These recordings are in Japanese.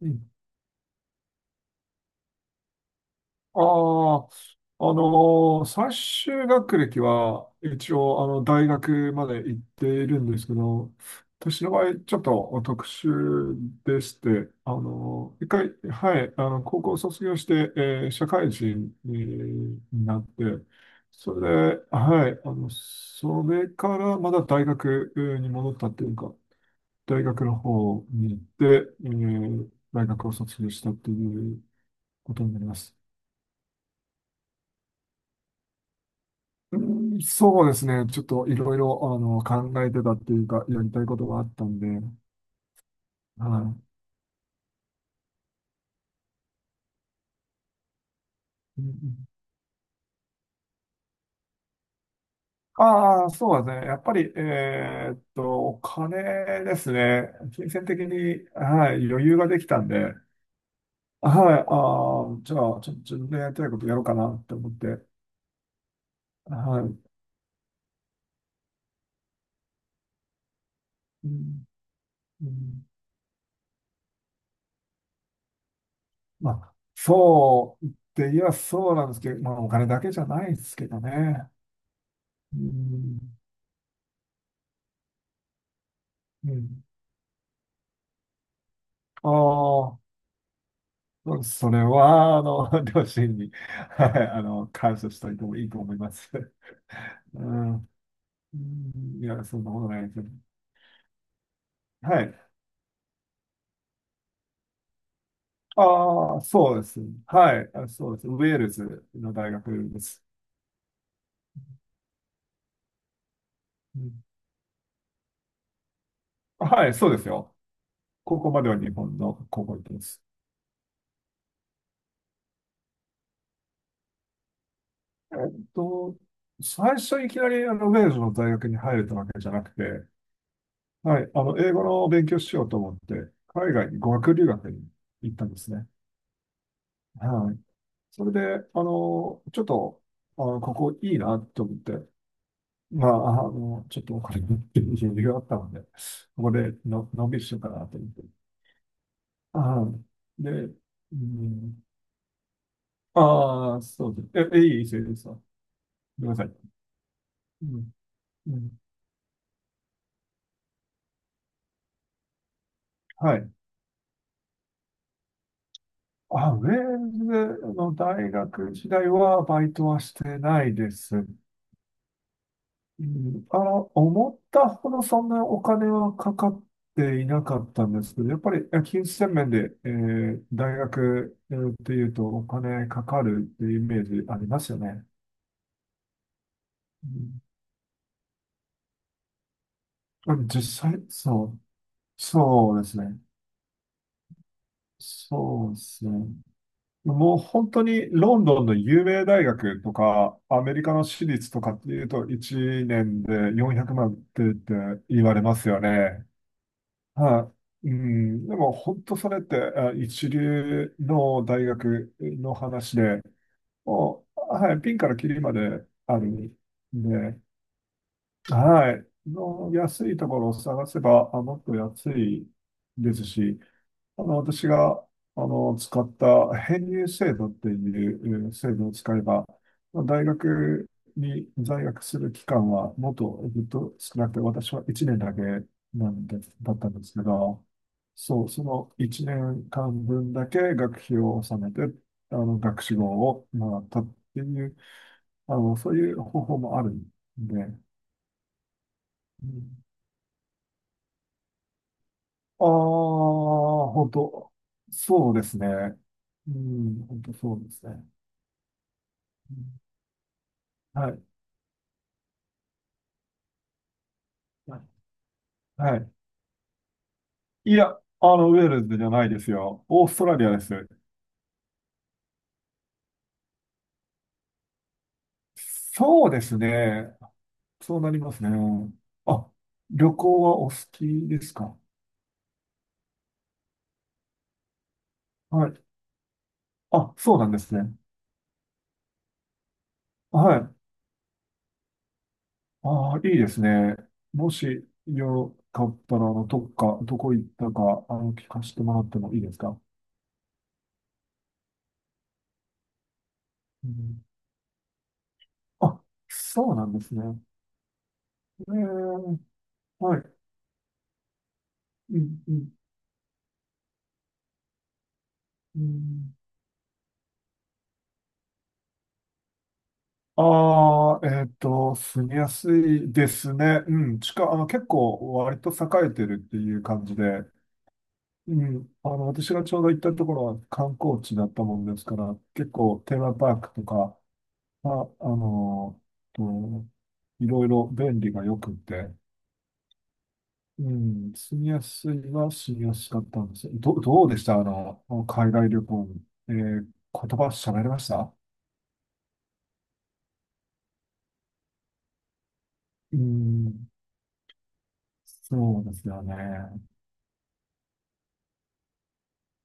うん。ああ、あの最終学歴は一応あの大学まで行っているんですけど、私の場合ちょっと特殊でして、一回、はい、あの、高校卒業して、社会人になって、それで、はい、あの、それからまだ大学に戻ったっていうか、大学の方に行って、大学を卒業したっていうことになります。うん、そうですね。ちょっといろいろ、あの、考えてたっていうか、やりたいことがあったんで。はい。うんうん。ああ、そうですね。やっぱり、お金ですね。金銭的に、はい、余裕ができたんで、はい、ああ、じゃあ、ちょっと自分でやりたいことやろうかなって思って、はい。うんうん。まあ、そうって言えばそうなんですけど、まあ、お金だけじゃないですけどね。うん、うん。ああ、それは、あの、両親に、はい、あの、感謝しておいてもいいと思います。うん。うん、いや、そんなことないですよ。はい。ああ、そうです。はい。あ、そうです。ウェールズの大学です。うん、はい、そうですよ。高校までは日本の高校行ってます。えっと、最初いきなりあのウェールズの大学に入れたわけじゃなくて、はい、あの、英語の勉強しようと思って、海外に語学留学に行ったんですね。はい。それで、あの、ちょっと、あの、ここいいなと思って、まあ、あの、ちょっとお金持ってる人があったので、ここでの、のんびりしようかなと思って。あー、で、うん、ああ、そうです。いいですよ、いいですよ。ごめんなさい。うん、うん、はい。あ、ウェールズの大学時代はバイトはしてないです。うん、あの、思ったほどそんなお金はかかっていなかったんですけど、やっぱり金銭面で、大学、っていうとお金かかるっていうイメージありますよね。うん、実際、そう、そうですね。そうですね。もう本当にロンドンの有名大学とか、アメリカの私立とかっていうと、1年で400万って言われますよね。はい。うん、でも本当それって一流の大学の話で、もう、はい、ピンからキリまであるんで、はい、の安いところを探せばもっと安いですし、あの、私が、あの、使った編入制度っていう制度を使えば、まあ大学に在学する期間はもっとずっと少なくて、私は1年だけなんで、だったんですけど、そう、その1年間分だけ学費を納めて、あの、学士号をもらったっていう、あの、そういう方法もあるんで、うん、ああ、本当、そうですね。うん、本当そうですね。はい。はい。いや、あの、ウェールズじゃないですよ。オーストラリアです。そうですね。そうなりますね。あ、旅行はお好きですか？はい。あ、そうなんですね。はい。ああ、いいですね。もしよかったら、あの、どっか、どこ行ったか、あの、聞かせてもらってもいいですか？うん、あ、そうなんですね。えー、はい。うん、うん、うん。ああ、住みやすいですね。うん、あの、結構割と栄えてるっていう感じで、うん、あの、私がちょうど行ったところは観光地だったもんですから、結構テーマパークとか、あ、あの、と、いろいろ便利が良くて、うん、住みやすいは住みやすかったんですよ。どうでしたあの、海外旅行に。ー言葉喋れました？うん、そうですよね。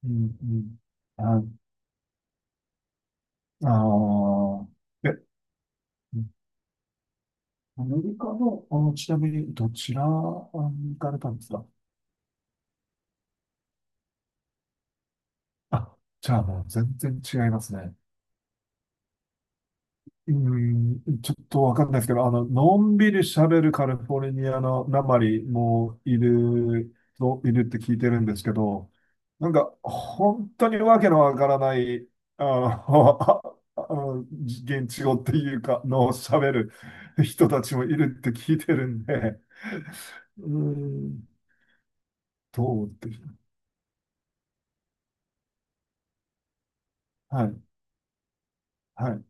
うんうん。あ、あーえ、アメリカの、あの、ちなみに、どちらに行かれたんですか？あ、じゃあもう全然違いますね。うーん、ちょっとわかんないですけど、あの、のんびり喋るカリフォルニアのなまりもいるって聞いてるんですけど、なんか、本当にわけのわからない、あの、あの、現地語っていうか、の喋る人たちもいるって聞いてるんで、うーん、そうですね。はい、はい、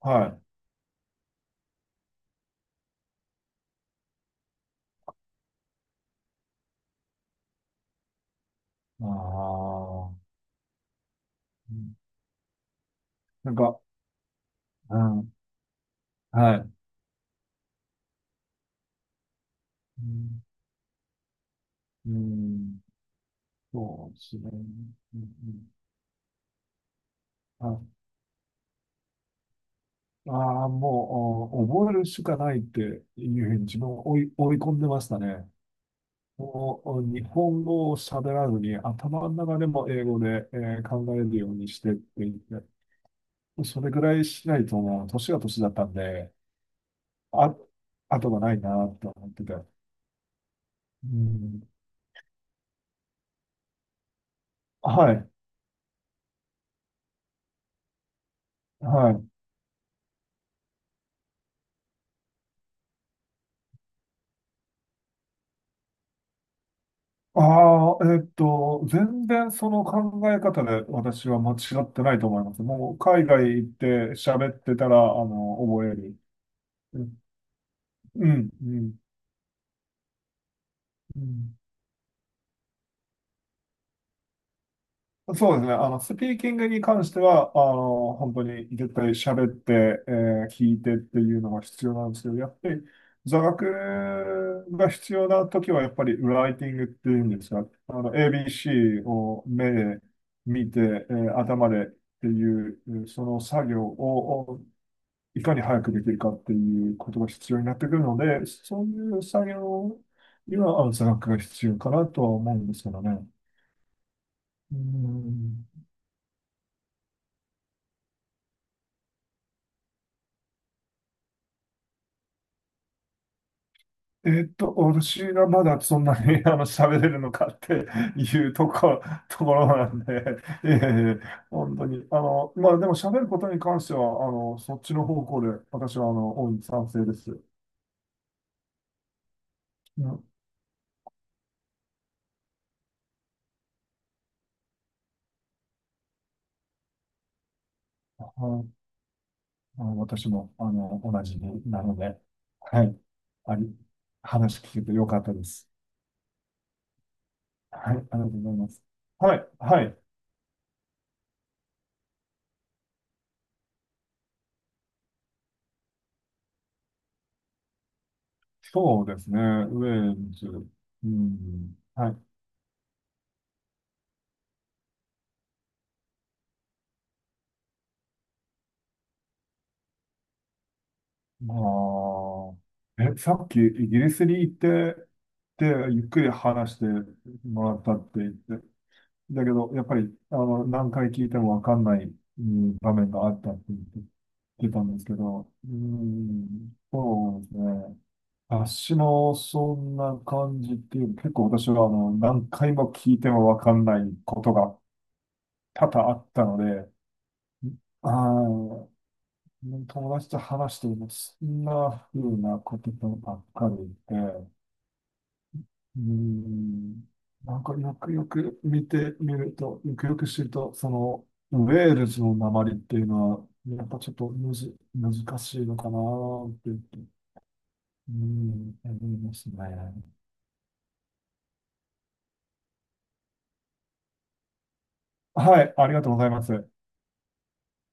はい。ああ、うん、なんか、うん、はい。うん、うん、そうですね。うんうん。ああー、もう、覚えるしかないっていうふうに自分を追い込んでましたね。もう、日本語を喋らずに、頭の中でも英語で、考えるようにしてって言って、それぐらいしないともう、年が年だったんで、あ、後がないなと思ってて。うん、はい、はい。ああ、全然その考え方で私は間違ってないと思います。もう海外行って喋ってたら、あの、覚える。うん、うん、うん。そうですね。あの、スピーキングに関しては、あの、本当に絶対喋って、聞いてっていうのが必要なんですけど、やっぱり座学が必要な時は、やっぱりライティングっていうんですが、あの、ABC を目で見て、頭でっていう、その作業をいかに早くできるかっていうことが必要になってくるので、そういう作業にはあの座学が必要かなとは思うんですけどね。うん、私がまだそんなに あの喋れるのかっていうところなんで、ええ、本当に。あの、まあでも喋ることに関しては、あの、そっちの方向で、私はあの、大いに賛成です。うん、はい。あの私も、あの、同じなので、はい。あり、話聞けてよかったです。はい、ありがとうございます。はい、はい。そうですね。ウェールズ。うん、はい。まあ、え、さっきイギリスに行って、で、ゆっくり話してもらったって言って、だけど、やっぱり、あの、何回聞いてもわかんない、うん、場面があったって言ってたんですけど、うん、そうですね。私もそんな感じっていう、結構私は、あの、何回も聞いてもわかんないことが多々あったので、ああ、友達と話しています。そんな風なことばっかりで、うーん、なんかよくよく見てみると、よくよく知ると、その、ウェールズの訛りっていうのは、やっぱちょっとむず、難しいのかなって、うーん、思いますね。はい、ありがとうございます。